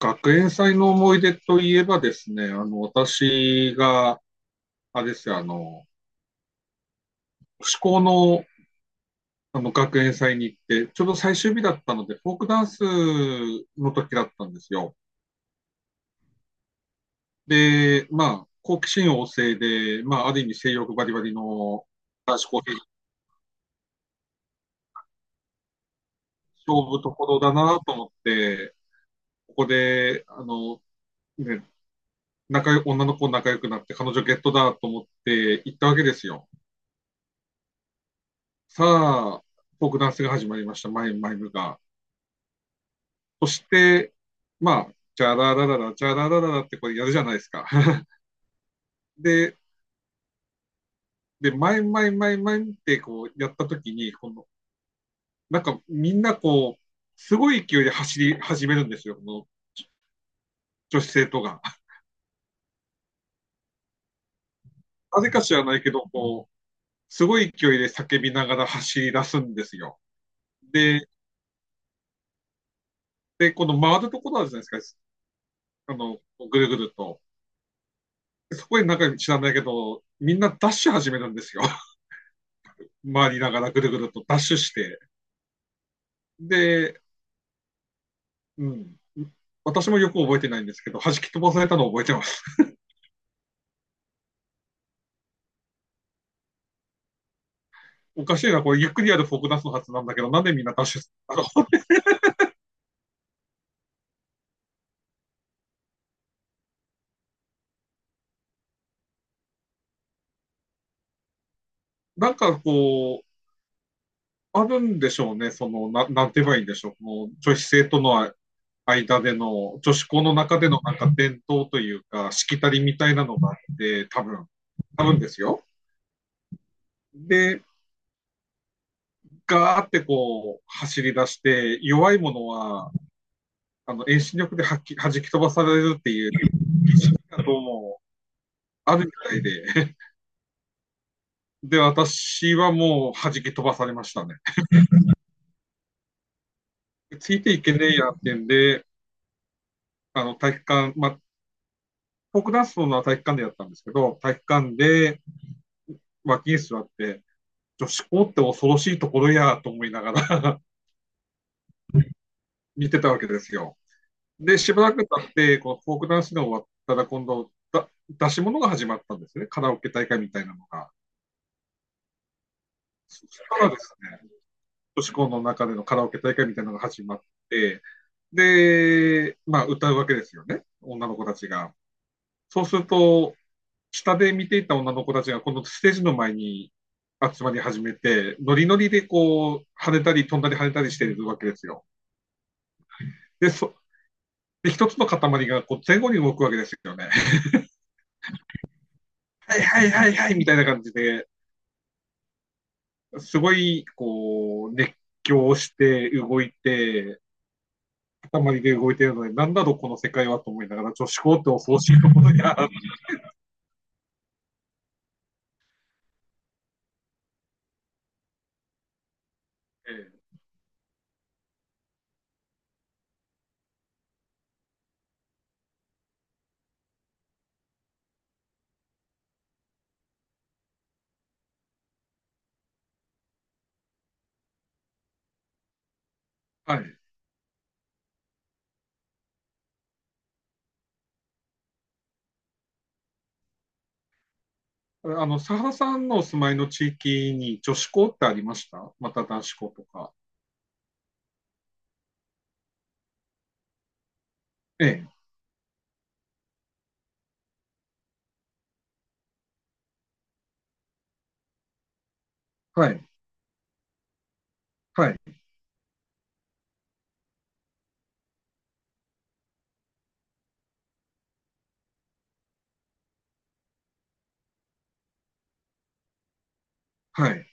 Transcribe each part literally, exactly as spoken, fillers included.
学園祭の思い出といえばですね、あの、私が、あれですよ、あの、志向の、あの、学園祭に行って、ちょうど最終日だったので、フォークダンスの時だったんですよ。で、まあ、好奇心旺盛で、まあ、ある意味性欲バリバリの男子校生、勝負ところだなと思って、ここで、あの、ね、仲よ、女の子仲良くなって、彼女ゲットだと思って行ったわけですよ。さあ、フォークダンスが始まりました、マイムマイムが。そして、まあ、チャララララ、チャララララってこれやるじゃないですか。で、で、前前前前ってこうやったときに、この、なんかみんなこう、すごい勢いで走り始めるんですよ、この女子生徒が。なぜか知らないけど、こう、すごい勢いで叫びながら走り出すんですよ。で、で、この回るところあるじゃないですか、あの、ぐるぐると。そこになんか知らないけど、みんなダッシュ始めるんですよ。回りながらぐるぐるとダッシュして。で、うん。私もよく覚えてないんですけど、弾き飛ばされたのを覚えてます。おかしいな、これゆっくりやるフォークダンスのはずなんだけど、なんでみんなダッシュす、あのなんかこう、あるんでしょうね、その、ななんて言えばいいんでしょう、この女子生徒の間での、女子校の中でのなんか伝統というか、しきたりみたいなのがあって、多分、多分ですよ。で、ガーってこう、走り出して、弱いものは、あの、遠心力ではっき弾き飛ばされるっていう、どうも、あるみたいで。で、私はもう弾き飛ばされましたね。ついていけねえやってんで、あの、体育館、まあ、フォークダンスのは体育館でやったんですけど、体育館で脇に座って、女子校って恐ろしいところやと思いながら 見てたわけですよ。で、しばらく経って、このフォークダンスが終わったら今度、だ出し物が始まったんですね。カラオケ大会みたいなのが。そしたらですね、女子校の中でのカラオケ大会みたいなのが始まって、で、まあ歌うわけですよね。女の子たちが。そうすると、下で見ていた女の子たちがこのステージの前に集まり始めて、ノリノリでこう、跳ねたり飛んだり跳ねたりしているわけですよ。で、そで一つの塊がこう前後に動くわけですよね。はいはいはいはいみたいな感じで、すごいこう、熱狂して動いて、塊で動いているので、なんだろうこの世界はと思いながら、女子校って恐ろしいことにあ はい。あの、佐原さんのお住まいの地域に女子校ってありましたまた男子校とか。ええ、はい、はい、はい、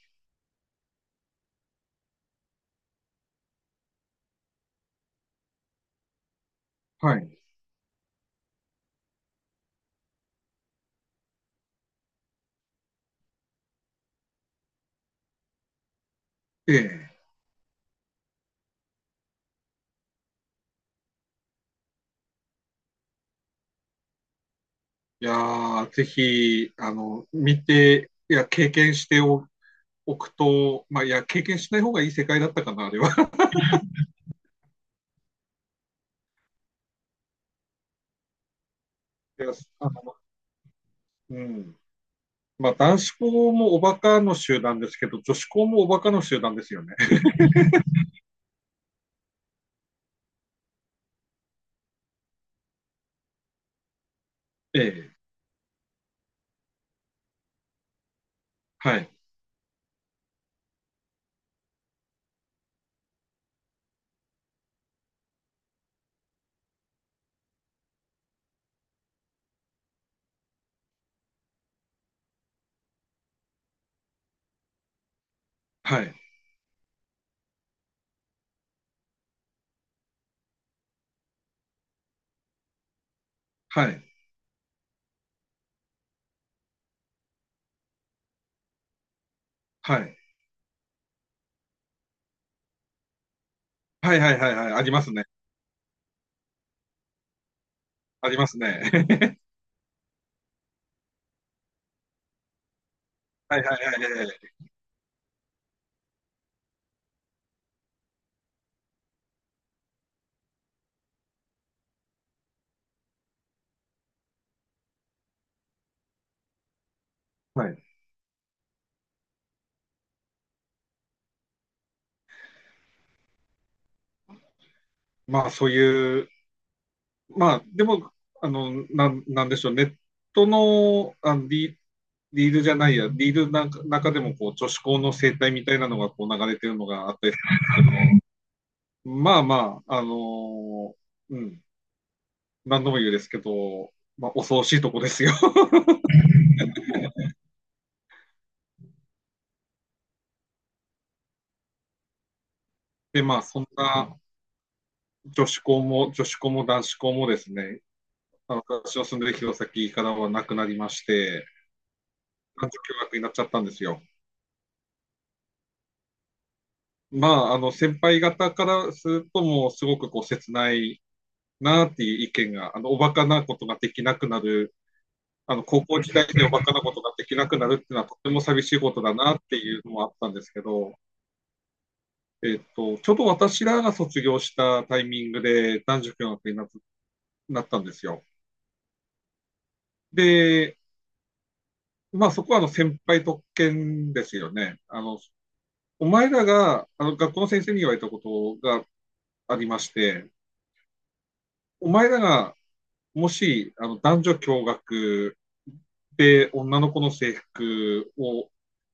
はい、ええ。いやー、ぜひ、あの、見て、いや、経験してお、おくと、まあ、いや、経験しない方がいい世界だったかな、あれは。いやあの、うん。まあ、男子校もおバカの集団ですけど、女子校もおバカの集団ですよね。ええ、はい、はい、はい、はい、はい、はい、はい、はい、ありますね。ありますね。はい、はい、はい、はい。はいまあ、そういう、まあ、でも、あの、なん、なんでしょう、ネットの、あの、リ、リールじゃないや、リールなんか中でも、こう、女子校の生態みたいなのが、こう、流れてるのがあったり、まあまあ、あのうん、何度も言うですけど、まあ、恐ろしいとこですよ。で、まあ、そんな女子校も、女子校も男子校もですね、あの私の住んでる弘前からはなくなりまして、男女共学になっちゃったんですよ。まあ、あの先輩方からすると、もうすごくこう切ないなっていう意見が、あの、おバカなことができなくなる、あの、高校時代でおバカなことができなくなるっていうのはとても寂しいことだなっていうのもあったんですけど、えっと、ちょうど私らが卒業したタイミングで男女共学になっなったんですよ。で、まあそこはあの先輩特権ですよね。あの、お前らが、あの、学校の先生に言われたことがありまして、お前らがもし、あの、男女共学で、女の子の制服を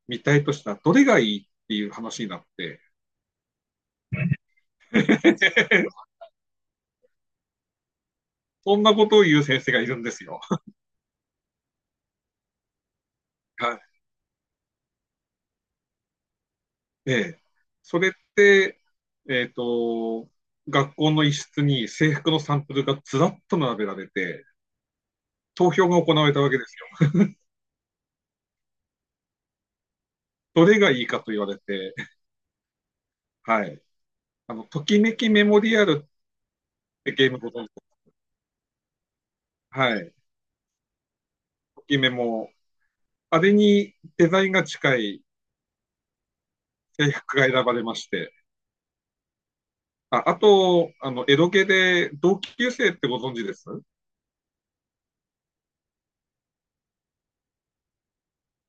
見たいとしたらどれがいいっていう話になって、そんなことを言う先生がいるんですよ。はい。で、それって、えっ、と、学校の一室に制服のサンプルがずらっと並べられて、投票が行われたわけですよ。どれがいいかと言われて、はい。あの、ときめきメモリアルってゲームご存知ですかはい。ときメモ。あれにデザインが近い制服が選ばれまして、あ、あと、あの、エドゲで同級生ってご存知です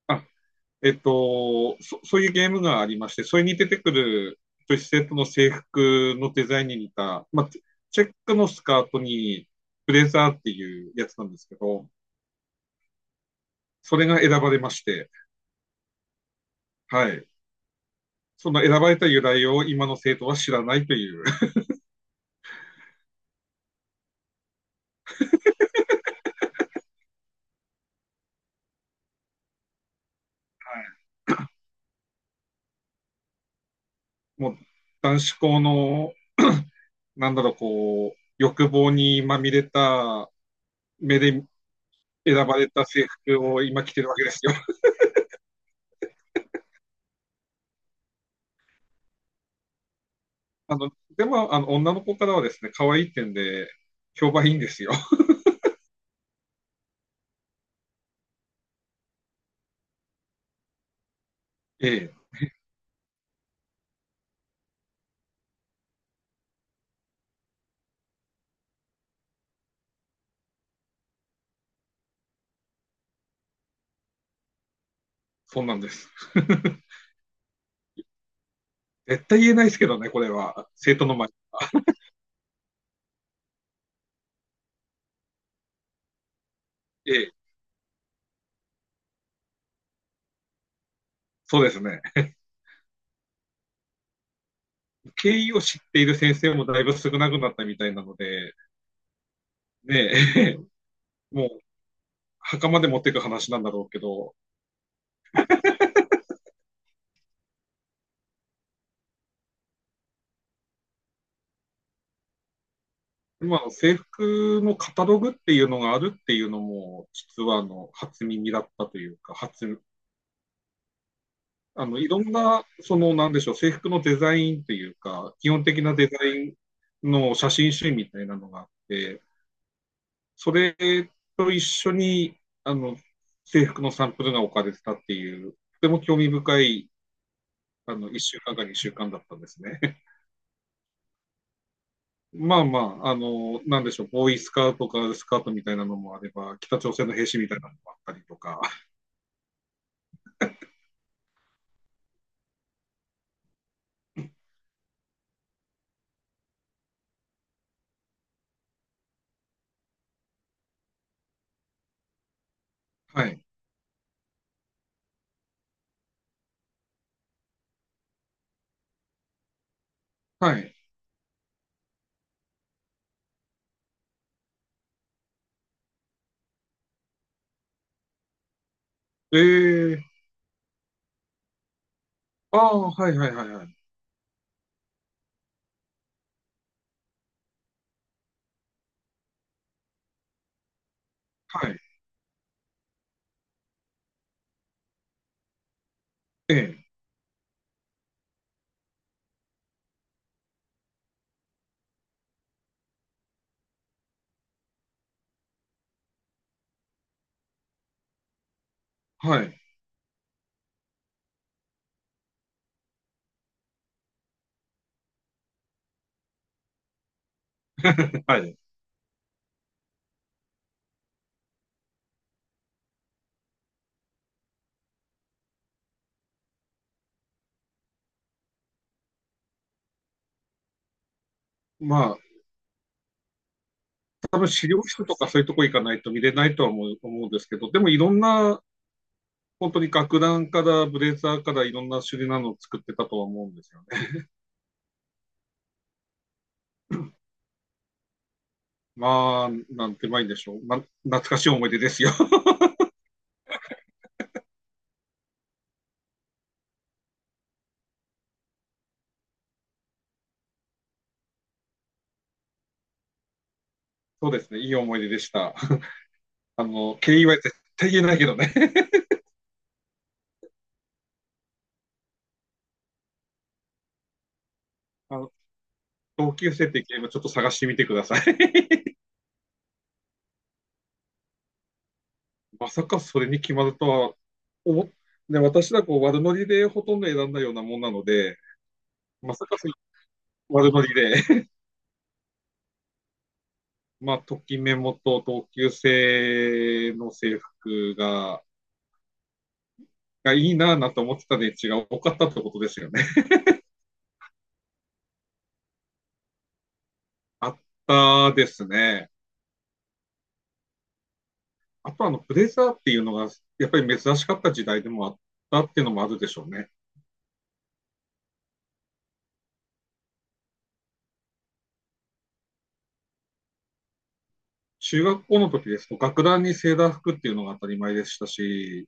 あ、えっと、そ、そういうゲームがありまして、それに出てくる女子生徒の制服のデザインに似た、まあ、チチェックのスカートにブレザーっていうやつなんですけど、それが選ばれまして、はい。その選ばれた由来を今の生徒は知らないという、はい。もう男子校の、なんだろう、こう、欲望にまみれた目で選ばれた制服を今着てるわけですよ。あの、でも、あの、女の子からはですね、可愛い点で、評判いいんですよ。ええ、そうなんです。絶対言えないですけどね、これは。生徒の前。ええ、そうですね。経緯を知っている先生もだいぶ少なくなったみたいなので、ねえ、もう、袴で持っていく話なんだろうけど、今の制服のカタログっていうのがあるっていうのも、実はあの、初耳だったというか、初あの、いろんな、その、なんでしょう、制服のデザインというか、基本的なデザインの写真集みたいなのがあって、それと一緒に、あの、制服のサンプルが置かれてたっていう、とても興味深い、あの、いっしゅうかんかにしゅうかんだったんですね。まあまあ、あの、なんでしょう、ボーイスカートかスカートみたいなのもあれば、北朝鮮の兵士みたいなのもあったりとか、はい、はい。えーああ、はいはいはいはい。はい、ええはい、はい。まあ、多分資料室とかそういうとこ行かないと見れないとは思う思うんですけど、でもいろんな、本当に楽団からブレザーからいろんな種類なのを作ってたとは思うんですよね。まあ、なんてまいんでしょう。まあ、懐かしい思い出ですよ。そうですね、いい思い出でした。あの、経緯は絶対言えないけどね。あの同級生ってゲームちょっと探してみてください。まさかそれに決まるとは思っね、私はこう悪ノリでほとんど選んだようなもんなので、まさかそういう悪ノリでまあ、ときメモと同級生の制服が、がいいなぁなと思ってたで池が多かったってことですよね。あったですね。あとあの、ブレザーっていうのが、やっぱり珍しかった時代でもあったっていうのもあるでしょうね。中学校の時ですと、学ランにセーラー服っていうのが当たり前でしたし、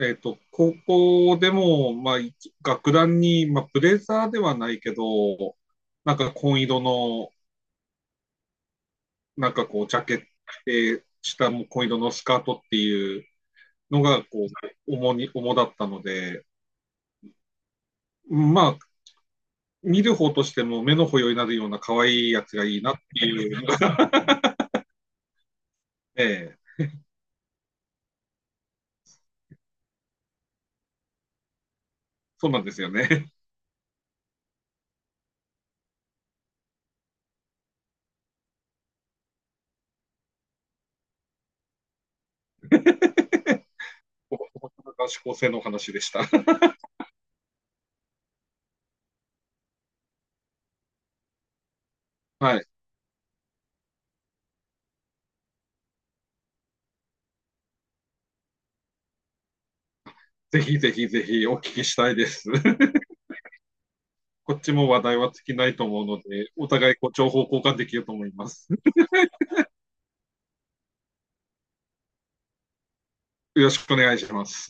えっと、高校でも、まあ、学ランに、まあ、ブレザーではないけど、なんか紺色のなんかこう、ジャケットで、下も紺色のスカートっていうのが、こう、主に、主だったので、まあ、見る方としても目の保養になるような可愛いやつがいいなっていうのが、ええ、そうなんですよね。ここが指向性の話でした。はい。ぜひぜひぜひお聞きしたいです。こっちも話題は尽きないと思うので、お互いこう情報交換できると思います。よろしくお願いします。